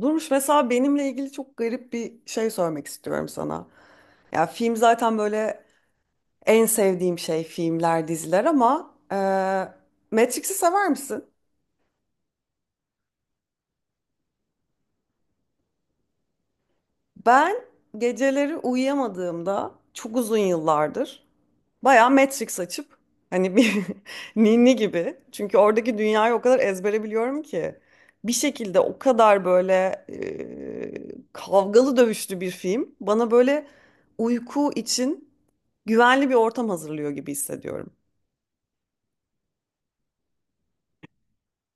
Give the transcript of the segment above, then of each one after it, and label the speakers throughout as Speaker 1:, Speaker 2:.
Speaker 1: Duruş mesela benimle ilgili çok garip bir şey sormak istiyorum sana. Ya film zaten böyle en sevdiğim şey filmler, diziler ama Matrix'i sever misin? Ben geceleri uyuyamadığımda çok uzun yıllardır bayağı Matrix açıp hani bir ninni gibi, çünkü oradaki dünyayı o kadar ezbere biliyorum ki bir şekilde o kadar böyle kavgalı dövüşlü bir film bana böyle uyku için güvenli bir ortam hazırlıyor gibi hissediyorum.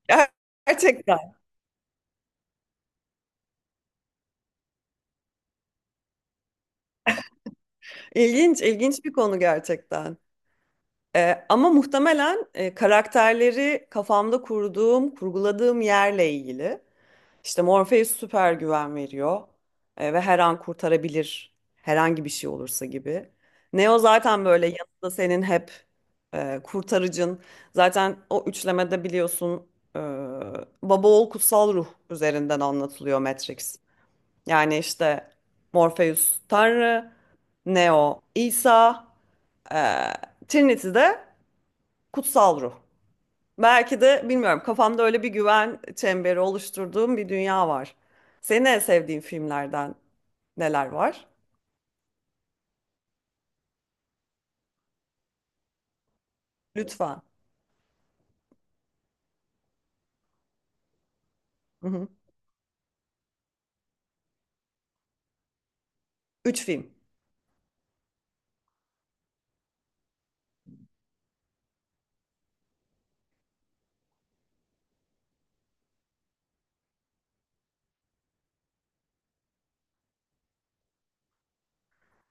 Speaker 1: Ger- Gerçekten. İlginç, ilginç bir konu gerçekten. Ama muhtemelen karakterleri kafamda kurduğum, kurguladığım yerle ilgili. İşte Morpheus süper güven veriyor, ve her an kurtarabilir herhangi bir şey olursa gibi. Neo zaten böyle yanında senin hep kurtarıcın. Zaten o üçlemede biliyorsun, e, baba oğul kutsal ruh üzerinden anlatılıyor Matrix. Yani işte Morpheus Tanrı, Neo İsa, eee Trinity de kutsal ruh. Belki de bilmiyorum, kafamda öyle bir güven çemberi oluşturduğum bir dünya var. Senin en sevdiğin filmlerden neler var? Lütfen. Hı hı. Üç film.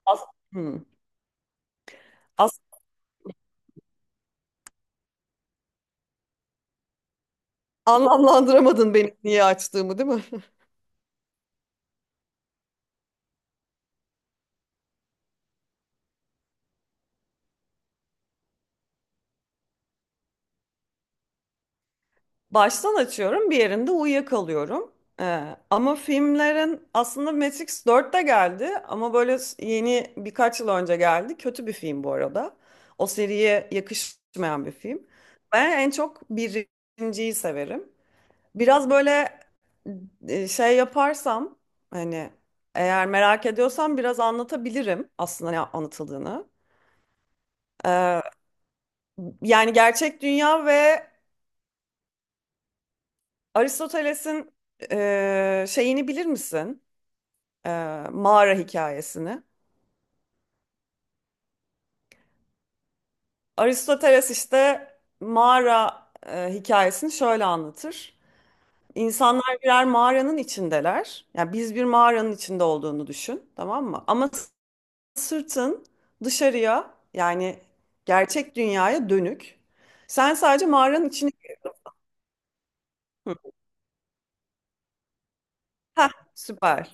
Speaker 1: As Hı. As Anlamlandıramadın benim niye açtığımı, değil mi? Baştan açıyorum, bir yerinde uyuyakalıyorum. Ama filmlerin aslında Matrix 4 de geldi, ama böyle yeni birkaç yıl önce geldi. Kötü bir film bu arada. O seriye yakışmayan bir film. Ben en çok birinciyi severim. Biraz böyle şey yaparsam, hani eğer merak ediyorsam biraz anlatabilirim aslında ne anlatıldığını. Ee, Yani gerçek dünya ve Aristoteles'in şeyini bilir misin? e, Mağara hikayesini. Aristoteles işte mağara hikayesini şöyle anlatır. İnsanlar birer mağaranın içindeler. Yani biz bir mağaranın içinde olduğunu düşün, tamam mı? Ama sırtın dışarıya, yani gerçek dünyaya dönük. Sen sadece mağaranın içine... Heh, süper.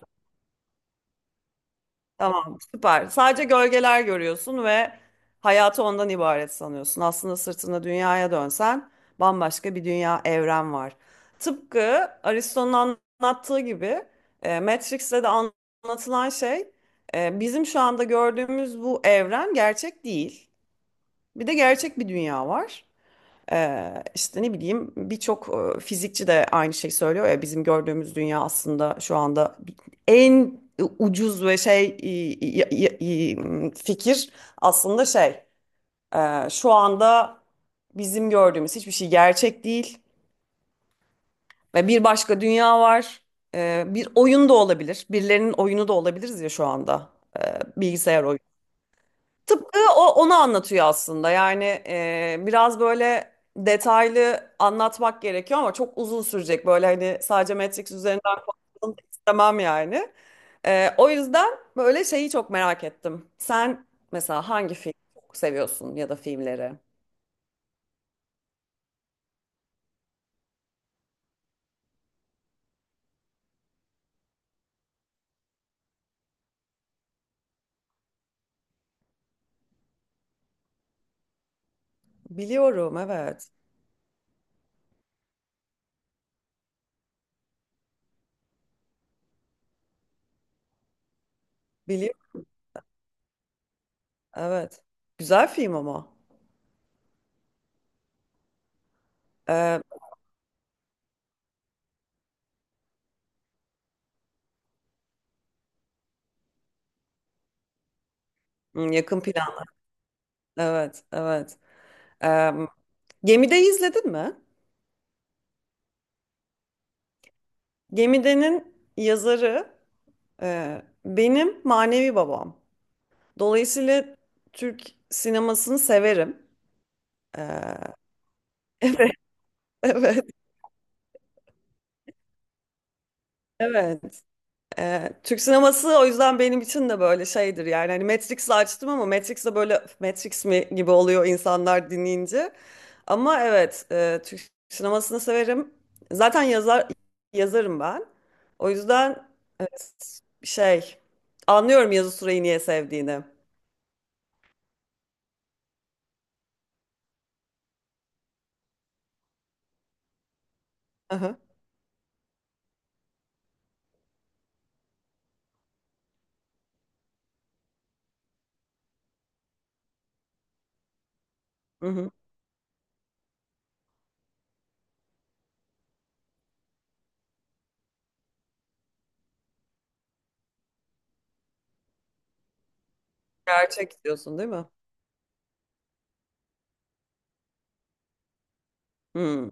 Speaker 1: Tamam, süper. Sadece gölgeler görüyorsun ve hayatı ondan ibaret sanıyorsun. Aslında sırtında dünyaya dönsen bambaşka bir dünya, evren var. Tıpkı Aristo'nun anlattığı gibi, Matrix'te de anlatılan şey, bizim şu anda gördüğümüz bu evren gerçek değil. Bir de gerçek bir dünya var. İşte ne bileyim birçok fizikçi de aynı şeyi söylüyor ya, bizim gördüğümüz dünya aslında şu anda en ucuz ve şey fikir aslında şey, şu anda bizim gördüğümüz hiçbir şey gerçek değil ve bir başka dünya var. Bir oyun da olabilir, birilerinin oyunu da olabiliriz ya şu anda. Bilgisayar. Tıpkı onu anlatıyor aslında. Yani biraz böyle detaylı anlatmak gerekiyor ama çok uzun sürecek. Böyle hani sadece Matrix üzerinden konuşalım da istemem yani. O yüzden böyle şeyi çok merak ettim. Sen mesela hangi film çok seviyorsun ya da filmleri? Biliyorum, evet. Biliyorum, evet. Güzel film ama. E, hmm, yakın plan. Evet, evet. E, Gemide'yi izledin mi? Gemide'nin yazarı, benim manevi babam. Dolayısıyla Türk sinemasını severim. Ee, evet, evet. Türk sineması o yüzden benim için de böyle şeydir yani. Hani Matrix'i açtım ama Matrix de böyle "Öf, Matrix mi" gibi oluyor insanlar dinleyince. Ama evet, Türk sinemasını severim. Zaten yazarım ben. O yüzden evet, şey, anlıyorum yazı süreyi niye sevdiğini. Hı. Hı hı. Gerçek diyorsun değil mi? Hmm.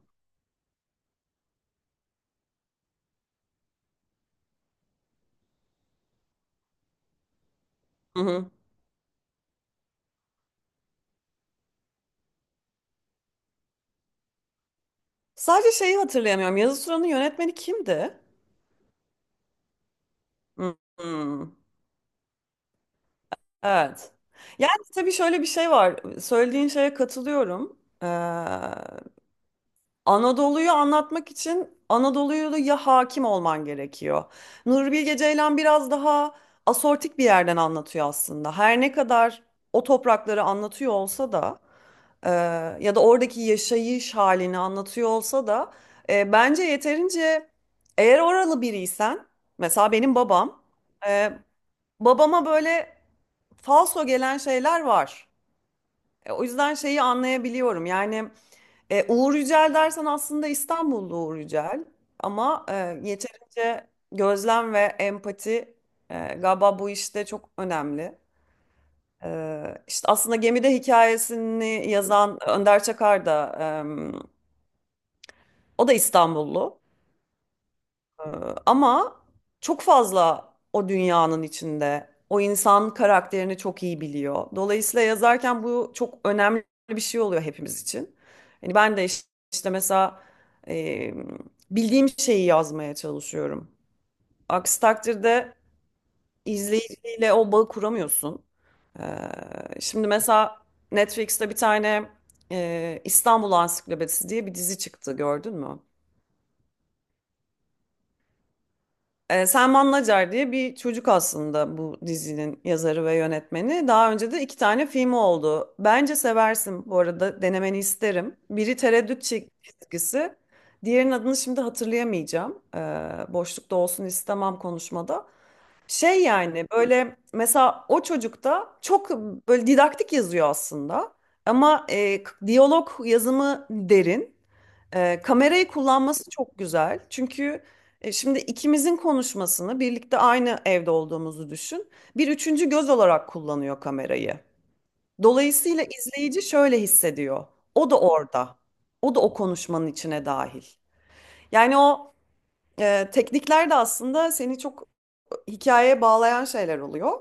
Speaker 1: Hı hı. Sadece şeyi hatırlayamıyorum. Yazı Tura'nın yönetmeni kimdi? Hmm, hmm. Evet. Yani tabii şöyle bir şey var. Söylediğin şeye katılıyorum. Anadolu'yu anlatmak için Anadolu'ya hakim olman gerekiyor. Nuri Bilge Ceylan biraz daha asortik bir yerden anlatıyor aslında. Her ne kadar o toprakları anlatıyor olsa da, e, ya da oradaki yaşayış halini anlatıyor olsa da, bence yeterince, eğer oralı biriysen, mesela benim babam, e, babama böyle falso gelen şeyler var. O yüzden şeyi anlayabiliyorum yani, Uğur Yücel dersen aslında İstanbullu Uğur Yücel, ama yeterince gözlem ve empati, galiba bu işte çok önemli. İşte aslında Gemide hikayesini yazan Önder Çakar da, e, o da İstanbullu. Ee, Ama çok fazla o dünyanın içinde. O insan karakterini çok iyi biliyor. Dolayısıyla yazarken bu çok önemli bir şey oluyor hepimiz için. Hani ben de işte mesela e, bildiğim şeyi yazmaya çalışıyorum. Aksi takdirde izleyiciyle o bağı kuramıyorsun. Şimdi mesela Netflix'te bir tane İstanbul Ansiklopedisi diye bir dizi çıktı, gördün mü? Selman Nacar diye bir çocuk aslında bu dizinin yazarı ve yönetmeni. Daha önce de iki tane filmi oldu. Bence seversin, bu arada denemeni isterim. Biri Tereddüt Çizgisi. Diğerinin adını şimdi hatırlayamayacağım. Boşlukta olsun istemem konuşmada. Şey yani böyle mesela o çocukta çok böyle didaktik yazıyor aslında. Ama diyalog yazımı derin. Kamerayı kullanması çok güzel. Çünkü şimdi ikimizin konuşmasını birlikte aynı evde olduğumuzu düşün. Bir üçüncü göz olarak kullanıyor kamerayı. Dolayısıyla izleyici şöyle hissediyor. O da orada. O da o konuşmanın içine dahil. Yani o teknikler de aslında seni çok hikayeye bağlayan şeyler oluyor.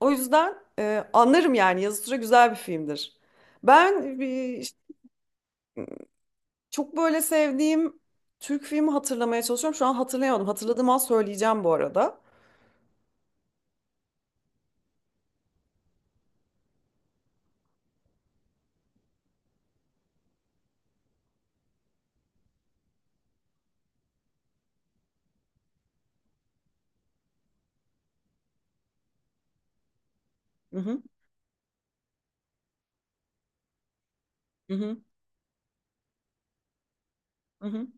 Speaker 1: O yüzden anlarım yani, yazı tura güzel bir filmdir. Ben çok böyle sevdiğim Türk filmi hatırlamaya çalışıyorum. Şu an hatırlayamadım. Hatırladığım an söyleyeceğim bu arada. Hı hı hı hı. Hı hı.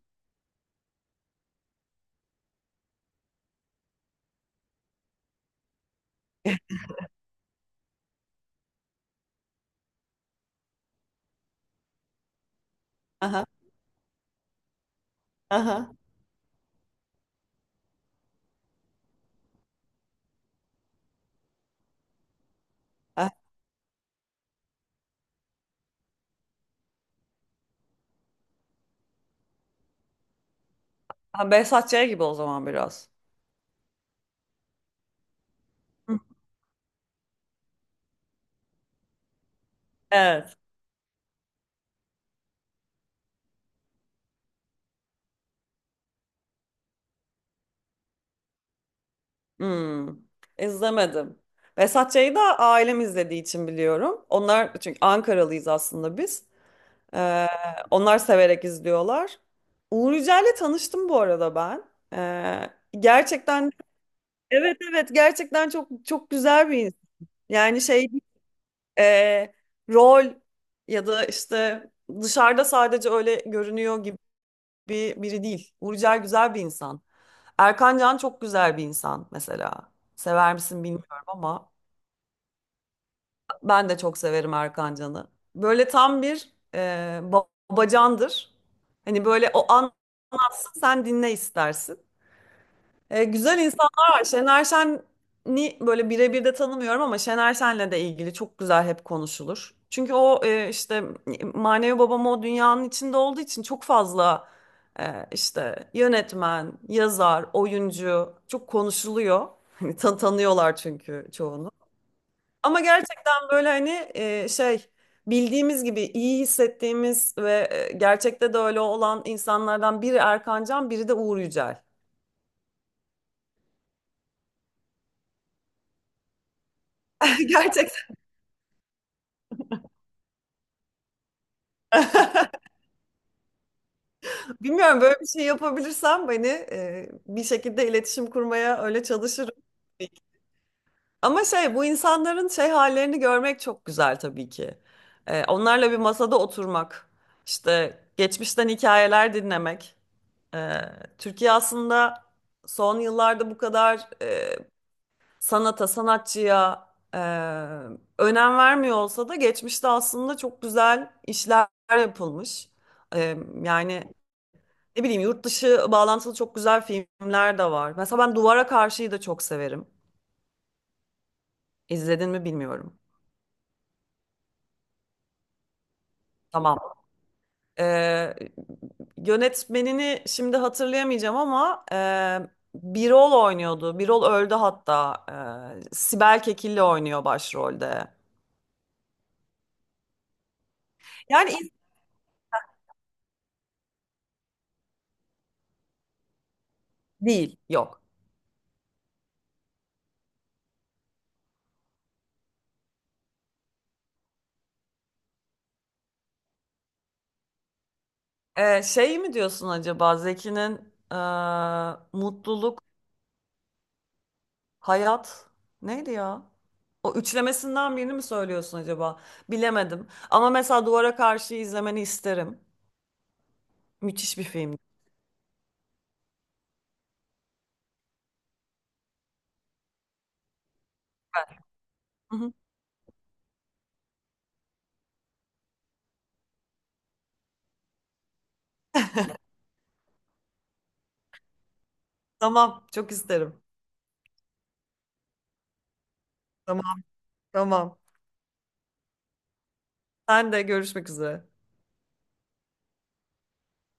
Speaker 1: Aha, aha. Aha. Ha, Behzat Ç. gibi o zaman biraz. Hı. Evet. Hmm, izlemedim. Vesat Çay'ı da ailem izlediği için biliyorum. Onlar, çünkü Ankaralıyız aslında biz. Ee, Onlar severek izliyorlar. Uğur Yücel'le tanıştım bu arada ben. Gerçekten, evet evet, gerçekten çok çok güzel bir insan. Yani şey, e, rol ya da işte dışarıda sadece öyle görünüyor gibi biri değil. Uğur Yücel güzel bir insan. Erkan Can çok güzel bir insan mesela. Sever misin bilmiyorum ama. Ben de çok severim Erkan Can'ı. Böyle tam bir e, babacandır. Hani böyle, o anlatsın sen dinle istersin. E, güzel insanlar var. Şener Şen'i böyle birebir de tanımıyorum ama Şener Şen'le de ilgili çok güzel hep konuşulur. Çünkü o, işte manevi babam o dünyanın içinde olduğu için çok fazla işte yönetmen, yazar, oyuncu çok konuşuluyor. Hani tanıyorlar çünkü çoğunu. Ama gerçekten böyle hani şey, bildiğimiz gibi iyi hissettiğimiz ve gerçekte de öyle olan insanlardan biri Erkan Can, biri de Uğur Yücel. Gerçekten. Bilmiyorum, böyle bir şey yapabilirsem beni bir şekilde iletişim kurmaya öyle çalışırım. Ama şey, bu insanların şey hallerini görmek çok güzel tabii ki. Onlarla bir masada oturmak, işte geçmişten hikayeler dinlemek. E, Türkiye aslında son yıllarda bu kadar sanata, sanatçıya e, önem vermiyor olsa da geçmişte aslında çok güzel işler yapılmış. E, Yani ne bileyim, yurt dışı bağlantılı çok güzel filmler de var. Mesela ben Duvara Karşı'yı da çok severim. İzledin mi bilmiyorum. Tamam. E, Yönetmenini şimdi hatırlayamayacağım ama Birol oynuyordu. Birol öldü hatta. Sibel Kekilli oynuyor başrolde. Yani değil, yok. Şey mi diyorsun acaba, Zeki'nin e, mutluluk, hayat neydi ya? O üçlemesinden birini mi söylüyorsun acaba? Bilemedim. Ama mesela Duvara Karşı izlemeni isterim. Müthiş bir film. Hı hı. Tamam, çok isterim. Tamam, tamam. Sen de görüşmek üzere.